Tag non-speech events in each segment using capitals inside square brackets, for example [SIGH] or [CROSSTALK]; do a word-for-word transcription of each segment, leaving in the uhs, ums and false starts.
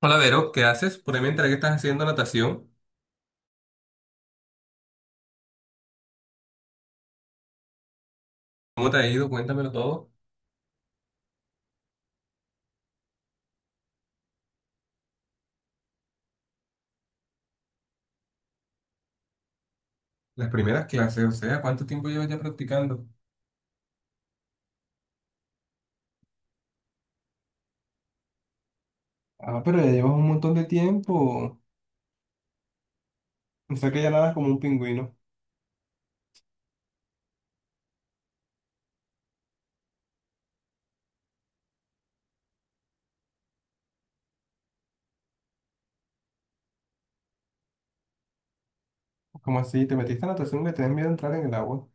Hola Vero, ¿qué haces? Por ahí me enteré que estás haciendo natación. ¿Cómo te ha ido? Cuéntamelo todo. Las primeras clases, o sea, ¿cuánto tiempo llevas ya practicando? Ah, pero ya llevas un montón de tiempo. O sea que ya nadas como un pingüino. ¿Cómo así? ¿Te metiste a natación y le tenés miedo a entrar en el agua?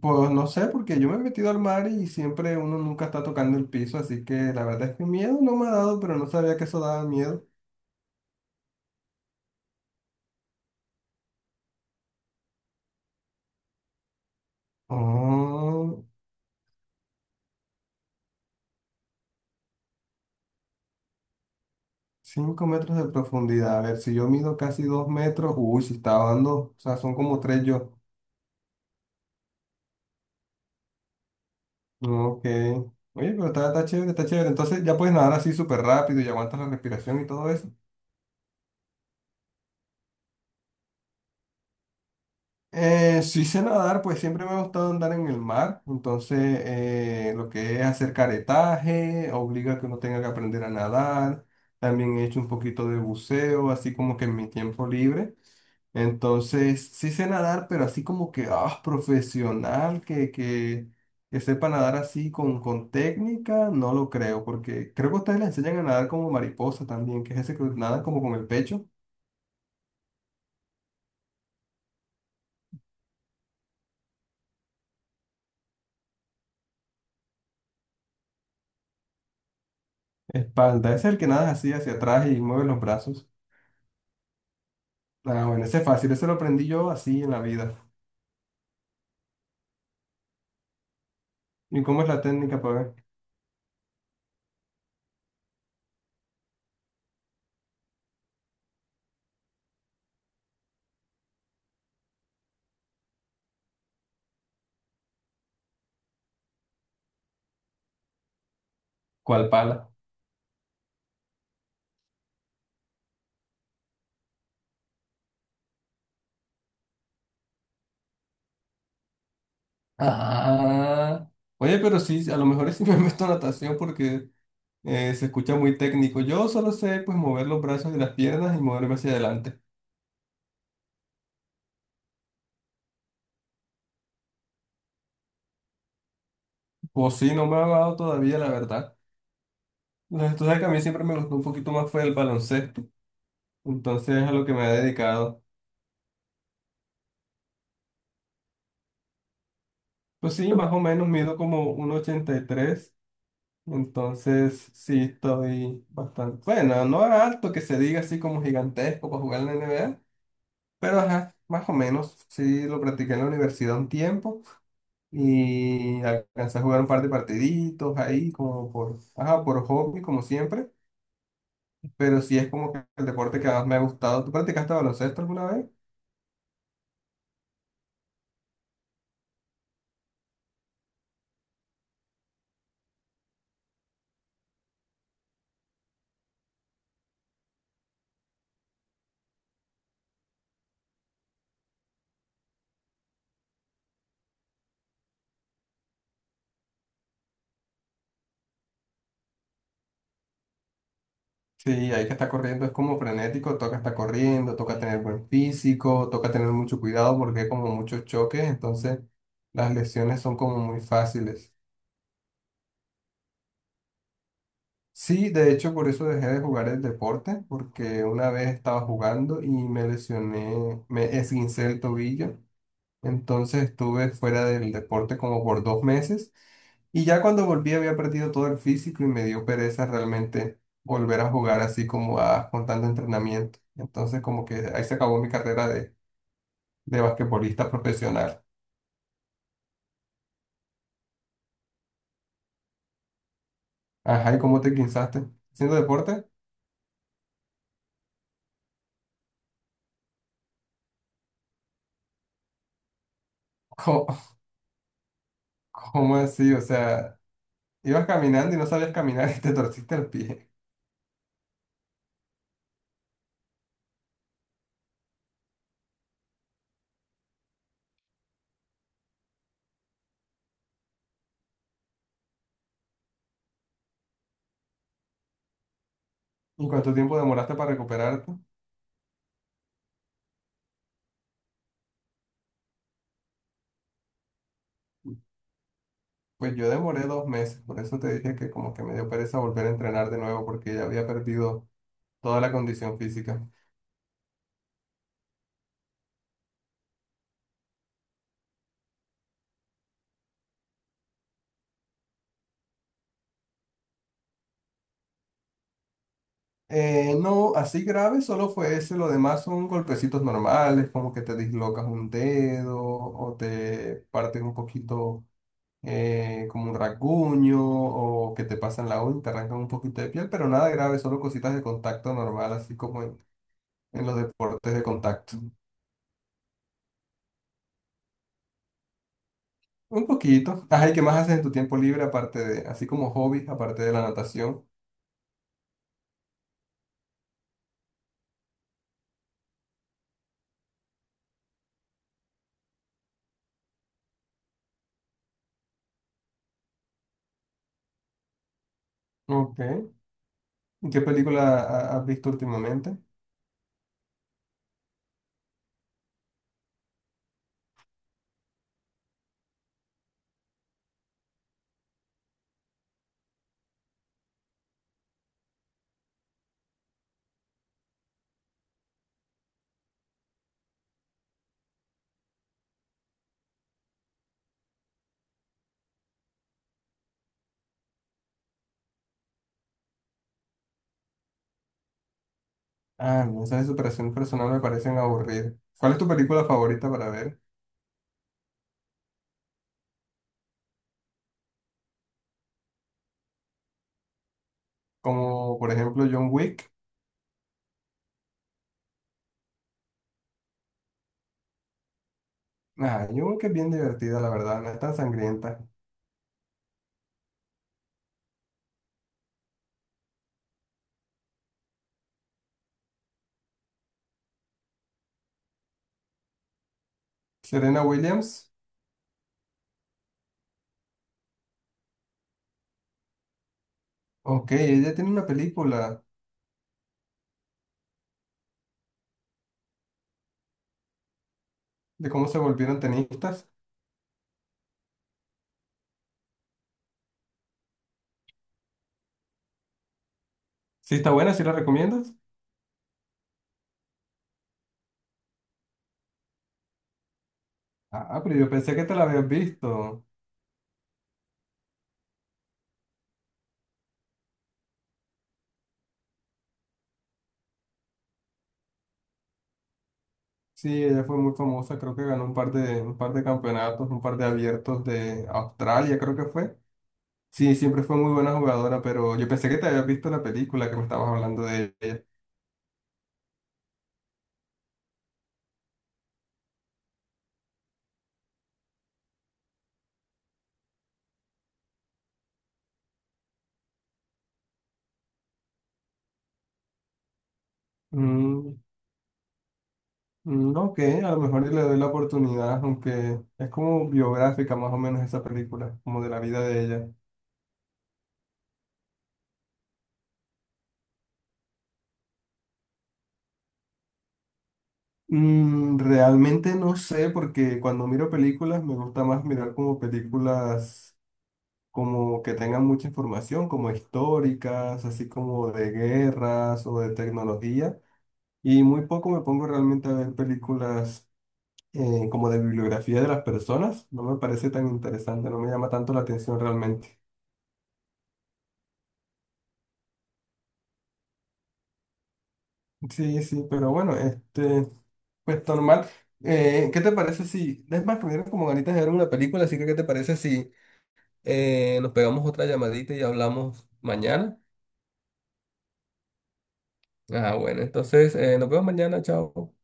Pues no sé, porque yo me he metido al mar y siempre uno nunca está tocando el piso, así que la verdad es que miedo no me ha dado, pero no sabía que eso daba miedo. Oh, cinco metros de profundidad. A ver, si yo mido casi dos metros, uy, si estaba dando, o sea, son como tres yo. Ok. Oye, pero está, está chévere, está chévere. Entonces ya puedes nadar así súper rápido y aguantas la respiración y todo eso. Eh, sí sé nadar, pues siempre me ha gustado andar en el mar. Entonces, eh, lo que es hacer caretaje, obliga a que uno tenga que aprender a nadar. También he hecho un poquito de buceo, así como que en mi tiempo libre. Entonces, sí sé nadar, pero así como que, ah, profesional, que, que, que sepa nadar así con, con técnica, no lo creo, porque creo que ustedes le enseñan a nadar como mariposa también, que es ese que nada como con el pecho, espalda, ese es el que nada así hacia atrás y mueve los brazos. Ah, bueno, ese es fácil, ese lo aprendí yo así en la vida. ¿Y cómo es la técnica para ver? ¿Cuál pala? Ah, oye, pero sí, a lo mejor sí [LAUGHS] me meto a natación porque... Eh, se escucha muy técnico. Yo solo sé pues mover los brazos y las piernas y moverme hacia adelante. Pues sí, no me ha dado todavía, la verdad. Entonces, tú sabes que a mí siempre me gustó un poquito más fue el baloncesto. Entonces es a lo que me he dedicado. Pues sí, más o menos mido como uno ochenta y tres. Entonces sí, estoy bastante... Bueno, no alto que se diga así como gigantesco para jugar en la N B A. Pero ajá, más o menos. Sí, lo practiqué en la universidad un tiempo. Y alcancé a jugar un par de partiditos ahí, como por, ajá, por hobby, como siempre. Pero sí es como que el deporte que más me ha gustado. ¿Tú practicaste baloncesto alguna vez? Sí, hay que estar corriendo, es como frenético, toca estar corriendo, toca tener buen físico, toca tener mucho cuidado porque hay como muchos choques, entonces las lesiones son como muy fáciles. Sí, de hecho, por eso dejé de jugar el deporte, porque una vez estaba jugando y me lesioné, me esguincé el tobillo. Entonces estuve fuera del deporte como por dos meses y ya cuando volví había perdido todo el físico y me dio pereza realmente volver a jugar así como a, con tanto entrenamiento. Entonces como que ahí se acabó mi carrera de, de basquetbolista profesional. Ajá, ¿y cómo te guinzaste? ¿Haciendo deporte? ¿Cómo, [LAUGHS] cómo así? O sea, ibas caminando y no sabías caminar y te torciste el pie. ¿Y cuánto tiempo demoraste para recuperarte? Pues yo demoré dos meses, por eso te dije que como que me dio pereza volver a entrenar de nuevo porque ya había perdido toda la condición física. Eh, no, así grave solo fue ese, lo demás son golpecitos normales, como que te dislocas un dedo o te partes un poquito eh, como un rasguño o que te pasan la uña, te arrancan un poquito de piel, pero nada grave, solo cositas de contacto normal, así como en, en los deportes de contacto. Un poquito. Ajá, ¿y qué más haces en tu tiempo libre aparte de, así como hobbies aparte de la natación? Ok. ¿Y qué película ha- has visto últimamente? Ah, no, esas de superación personal me parecen aburridas. ¿Cuál es tu película favorita para ver? Como por ejemplo John Wick. Ah, John Wick es bien divertida, la verdad, no es tan sangrienta. Serena Williams. Ok, ella tiene una película de cómo se volvieron tenistas. Sí, está buena, ¿sí la recomiendas? Ah, pero yo pensé que te la habías visto. Sí, ella fue muy famosa, creo que ganó un par de, un par de campeonatos, un par de abiertos de Australia, creo que fue. Sí, siempre fue muy buena jugadora, pero yo pensé que te habías visto la película que me estabas hablando de ella. Mm, mm, ok, a lo mejor y le doy la oportunidad, aunque es como biográfica más o menos esa película, como de la vida de ella. Mm, realmente no sé, porque cuando miro películas me gusta más mirar como películas como que tengan mucha información, como históricas, así como de guerras o de tecnología. Y muy poco me pongo realmente a ver películas eh, como de bibliografía de las personas. No me parece tan interesante, no me llama tanto la atención realmente. Sí, sí, pero bueno, este, pues normal. Eh, ¿qué te parece si, es más, me dieron como ganitas de ver una película, así que ¿qué te parece si eh, nos pegamos otra llamadita y hablamos mañana? Ah, bueno, entonces eh, nos vemos mañana, chao.